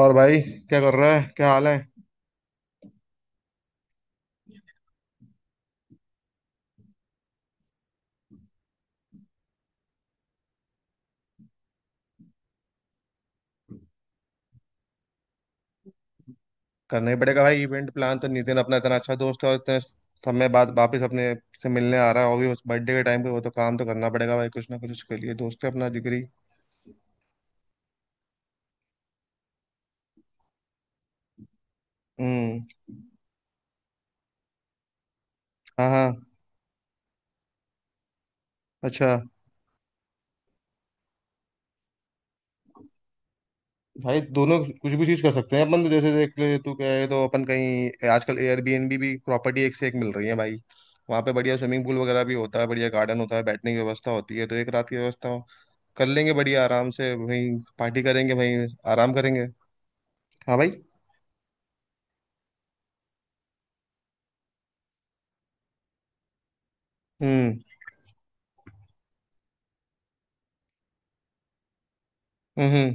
और भाई, क्या कर रहा है? क्या हाल है? करना ही पड़ेगा भाई, इवेंट प्लान तो। नितिन अपना इतना अच्छा दोस्त है, और इतने समय बाद वापस अपने से मिलने आ रहा है, और भी उस बर्थडे के टाइम पे। वो तो काम तो करना पड़ेगा भाई, कुछ ना कुछ उसके लिए। दोस्त है अपना जिगरी। हम्म। हाँ, हाँ। अच्छा। भाई, दोनों कुछ भी चीज कर सकते हैं अपन तो। जैसे देख ले, तू कहे तो अपन कहीं, आजकल एयरबीएनबी भी प्रॉपर्टी एक से एक मिल रही है भाई। वहाँ पे बढ़िया स्विमिंग पूल वगैरह भी होता है, बढ़िया गार्डन होता है, बैठने की व्यवस्था होती है। तो एक रात की व्यवस्था कर लेंगे बढ़िया, आराम से वहीं पार्टी करेंगे, वहीं आराम करेंगे। हाँ भाई। हम्म। हम्म।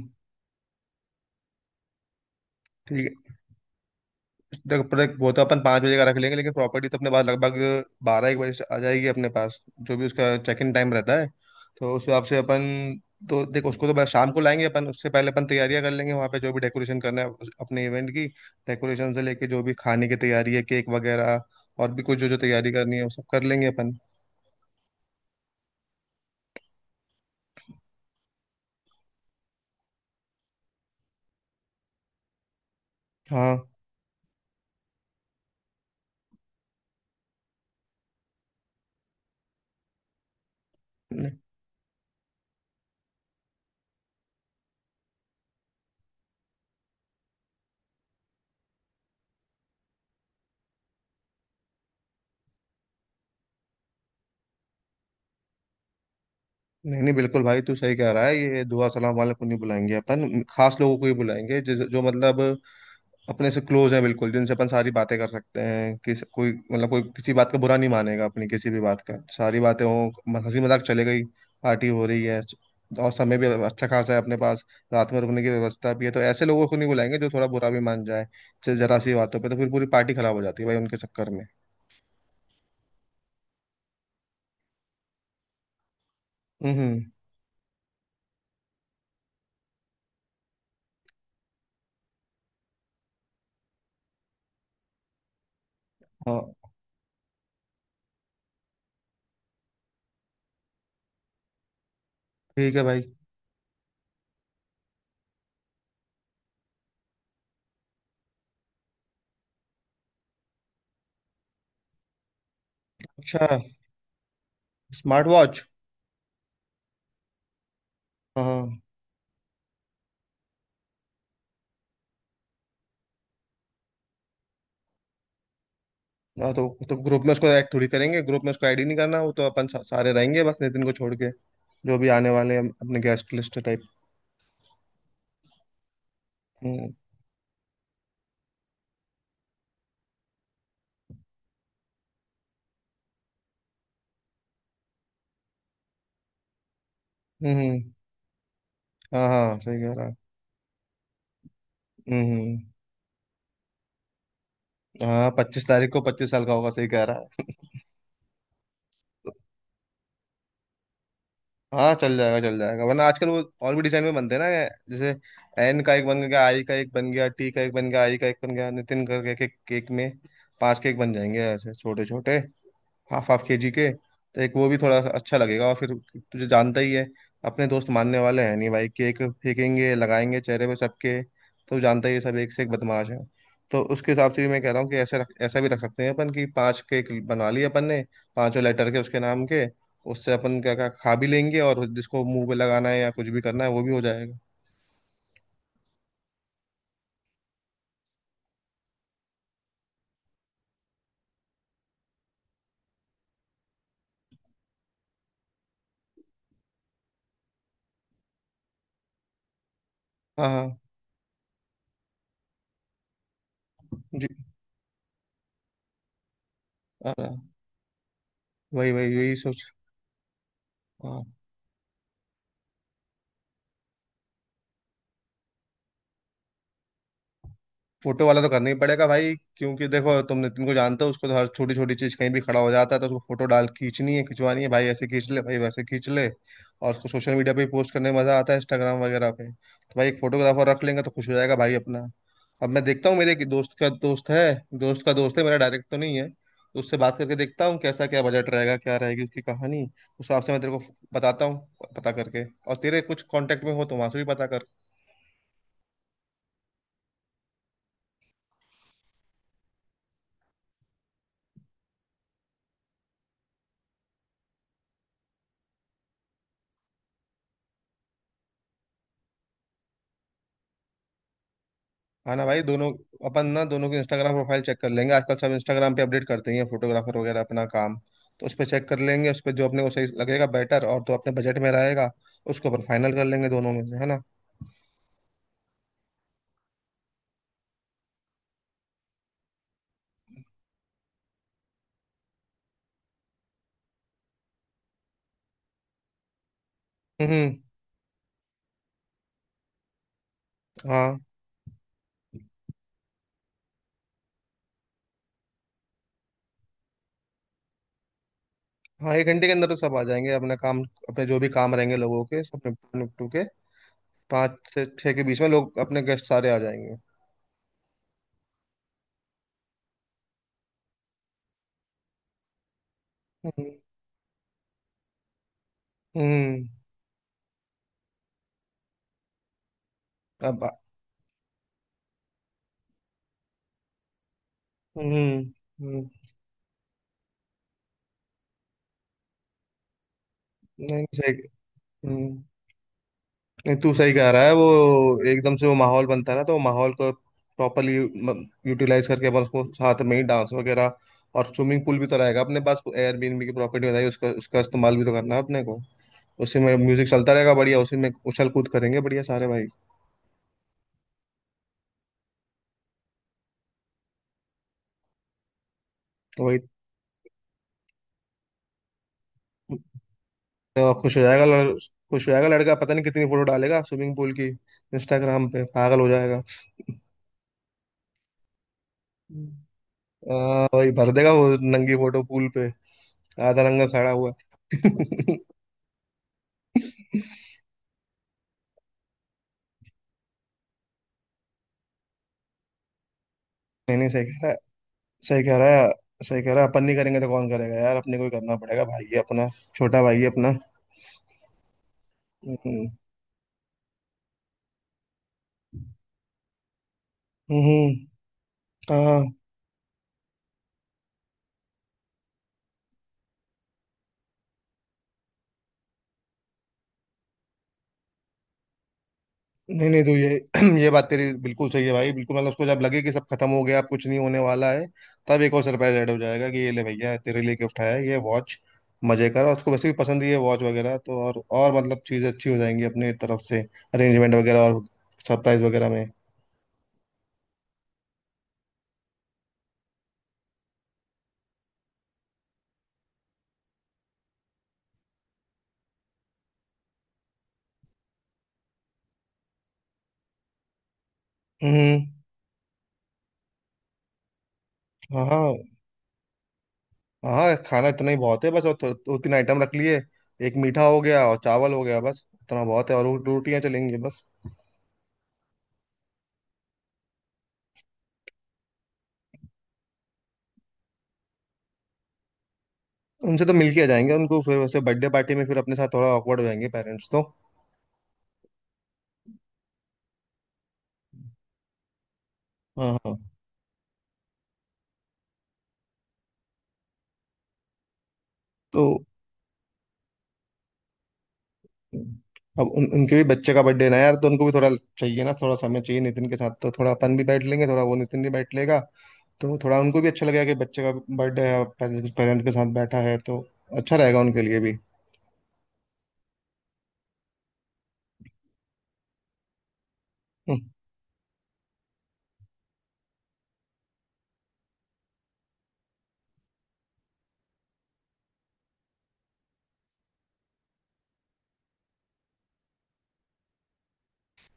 ठीक है। देख देख, वो तो अपन 5 बजे का रख लेंगे, लेकिन प्रॉपर्टी तो अपने पास लगभग बारह एक बजे से आ जाएगी अपने पास, जो भी उसका चेक इन टाइम रहता है। तो उस हिसाब से अपन, तो देख, उसको तो बस शाम को लाएंगे अपन, उससे पहले अपन तैयारियां कर लेंगे। वहाँ पे जो भी डेकोरेशन करना है, अपने इवेंट की डेकोरेशन से लेके, जो भी खाने की तैयारी है, केक वगैरह, और भी कुछ जो जो तैयारी करनी है, वो सब कर लेंगे अपन। हाँ। नहीं नहीं, नहीं, बिल्कुल भाई तू सही कह रहा है। ये दुआ सलाम वाले को नहीं बुलाएंगे अपन, खास लोगों को ही बुलाएंगे, जो मतलब अपने से क्लोज है बिल्कुल, जिनसे अपन सारी बातें कर सकते हैं कि कोई मतलब कोई किसी बात का बुरा नहीं मानेगा अपनी किसी भी बात का। सारी बातें हो, हंसी मजाक चले गई, पार्टी हो रही है। और समय भी अच्छा खासा है अपने पास, रात में रुकने की व्यवस्था भी है। तो ऐसे लोगों को नहीं बुलाएंगे जो थोड़ा बुरा भी मान जाए जरा सी बातों पे, तो फिर पूरी पार्टी खराब हो जाती है भाई उनके चक्कर में। हम्म। हाँ। ठीक है भाई। अच्छा। Smart watch. हाँ। हाँ, तो ग्रुप में उसको ऐड थोड़ी करेंगे, ग्रुप में उसको ऐड ही नहीं करना। वो तो अपन सारे रहेंगे बस, नितिन को छोड़ के, जो भी आने वाले हैं, अपने गेस्ट लिस्ट टाइप। हम्म। हम्म। हाँ हाँ, सही कह रहा है। हम्म। हाँ, 25 तारीख को 25 साल का होगा, सही कह रहा है। हाँ, चल जाएगा, चल जाएगा। वरना आजकल वो और भी डिजाइन में बनते हैं ना, जैसे एन का एक बन गया, आई का एक बन गया, टी का एक बन गया, आई का एक बन गया, नितिन करके के केक में पांच केक बन जाएंगे, ऐसे छोटे छोटे, हाफ हाफ के जी के। तो एक वो भी थोड़ा सा अच्छा लगेगा। और फिर तुझे जानता ही है, अपने दोस्त मानने वाले हैं नहीं भाई, केक फेंकेंगे, लगाएंगे चेहरे पे सबके। तो जानता ही है सब, एक से एक बदमाश है। तो उसके हिसाब से भी मैं कह रहा हूँ कि ऐसे रख, ऐसा भी रख सकते हैं अपन, कि पांच केक बनवा लिए अपन ने, पांचों लेटर के उसके नाम के। उससे अपन क्या क्या खा भी लेंगे, और जिसको मुंह पे लगाना है या कुछ भी करना है वो भी हो जाएगा। हाँ। हाँ जी। हाँ, हाँ, वही वही यही सोच। हाँ। फोटो वाला तो करना ही पड़ेगा भाई, क्योंकि देखो, तुम नितिन को जानते हो, उसको तो हर छोटी छोटी चीज, कहीं भी खड़ा हो जाता है, तो उसको फोटो डाल खींचनी है, खिंचवानी है भाई, ऐसे खींच ले भाई, वैसे खींच ले। और उसको सोशल मीडिया पे पोस्ट करने में मजा आता है, इंस्टाग्राम वगैरह पे। तो भाई एक फोटोग्राफर रख लेंगे तो खुश हो जाएगा भाई अपना। अब मैं देखता हूँ, मेरे एक दोस्त का दोस्त है मेरा, डायरेक्ट तो नहीं है। तो उससे बात करके देखता हूँ कैसा, क्या बजट रहेगा, क्या रहेगी उसकी कहानी, उस हिसाब से मैं तेरे को बताता हूँ, पता करके। और तेरे कुछ कांटेक्ट में हो तो वहां से भी पता। हाँ ना भाई, दोनों अपन ना दोनों की इंस्टाग्राम प्रोफाइल चेक कर लेंगे, आजकल सब इंस्टाग्राम पे अपडेट करते ही हैं फोटोग्राफर वगैरह अपना काम। तो उस पर चेक कर लेंगे, उस पर जो अपने को सही लगेगा बेटर, और तो अपने बजट में रहेगा, उसको अपन फाइनल कर लेंगे दोनों में से, है ना? हम्म। हाँ। हाँ, 1 घंटे के अंदर तो सब आ जाएंगे अपने काम, अपने जो भी काम रहेंगे लोगों के, सब निपटू निपटू के। 5 से 6 के बीच में लोग, अपने गेस्ट सारे आ जाएंगे। हम्म। हम्म। अब। हम्म। हम्म। नहीं, सही। हम्म। नहीं, तू सही कह रहा है वो। एकदम से वो माहौल बनता है ना, तो माहौल को प्रॉपरली यूटिलाइज करके अपन उसको साथ में ही डांस वगैरह। और स्विमिंग पूल भी तो रहेगा अपने पास, एयरबीएनबी की प्रॉपर्टी बताई, उसका उसका इस्तेमाल भी तो करना है अपने को। उसी में म्यूजिक चलता रहेगा बढ़िया, उसी में उछल कूद करेंगे बढ़िया सारे भाई। तो वही। तो खुश हो जाएगा खुश हो जाएगा लड़का, पता नहीं कितनी फोटो डालेगा स्विमिंग पूल की। इंस्टाग्राम पे पागल हो जाएगा। भाई भर देगा वो नंगी फोटो पूल पे, आधा नंगा खड़ा हुआ। नहीं, नहीं, सही कह रहा है, सही कह रहा है। सही कह रहा है, अपन नहीं करेंगे तो कौन करेगा यार, अपने को ही करना पड़ेगा भाई, है अपना छोटा भाई, है अपना। हम्म। हम्म, हाँ। नहीं, नहीं, तो ये ये बात तेरी बिल्कुल सही है भाई, बिल्कुल मतलब उसको जब लगे कि सब खत्म हो गया, अब कुछ नहीं होने वाला है, तब एक और सरप्राइज ऐड हो जाएगा कि ये ले भैया, तेरे लिए गिफ्ट है ये वॉच, मजे कर। और उसको वैसे भी पसंद ही है वॉच वगैरह, तो और मतलब चीजें अच्छी हो जाएंगी अपनी तरफ से, अरेंजमेंट वगैरह और सरप्राइज वगैरह में। हम्म। हाँ, हाँ। हाँ, खाना इतना ही बहुत है बस, और दो तीन आइटम रख लिए, एक मीठा हो गया और चावल हो गया, बस इतना बहुत है, और वो दो रोटियां चलेंगी बस। उनसे तो मिल के आ जाएंगे उनको, फिर वैसे बर्थडे पार्टी में फिर अपने साथ थोड़ा ऑकवर्ड हो जाएंगे पेरेंट्स तो। हाँ, हाँ। तो अब उनके भी बच्चे का बर्थडे ना यार, तो उनको भी थोड़ा चाहिए ना, थोड़ा समय चाहिए नितिन के साथ, तो थोड़ा अपन भी बैठ लेंगे, थोड़ा वो नितिन भी बैठ लेगा, तो थोड़ा उनको भी अच्छा लगेगा कि बच्चे का बर्थडे है, पेरेंट्स के साथ बैठा है, तो अच्छा रहेगा उनके लिए भी। हम्म,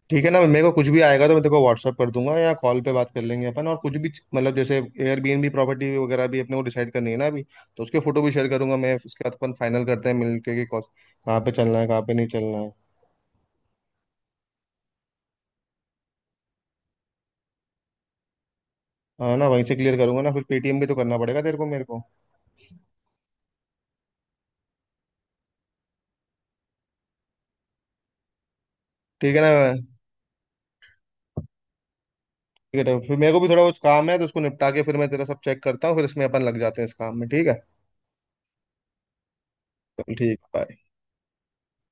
ठीक है ना। मेरे को कुछ भी आएगा तो मैं तेरे को व्हाट्सअप कर दूंगा, या कॉल पे बात कर लेंगे अपन। और कुछ भी मतलब, जैसे एयरबीएनबी प्रॉपर्टी वगैरह भी अपने को डिसाइड करनी है ना अभी, तो उसके फोटो भी शेयर करूंगा मैं, उसके बाद अपन फाइनल करते हैं मिल के कि कहाँ पे चलना है, कहाँ पे नहीं चलना है। हाँ ना, वहीं से क्लियर करूंगा ना, फिर पेटीएम भी तो करना पड़ेगा तेरे को मेरे को। ठीक है ना। ठीक है, तो फिर मेरे को भी थोड़ा कुछ काम है, तो उसको निपटा के फिर मैं तेरा सब चेक करता हूँ, फिर इसमें अपन लग जाते हैं इस काम में, ठीक है। चल ठीक है, bye।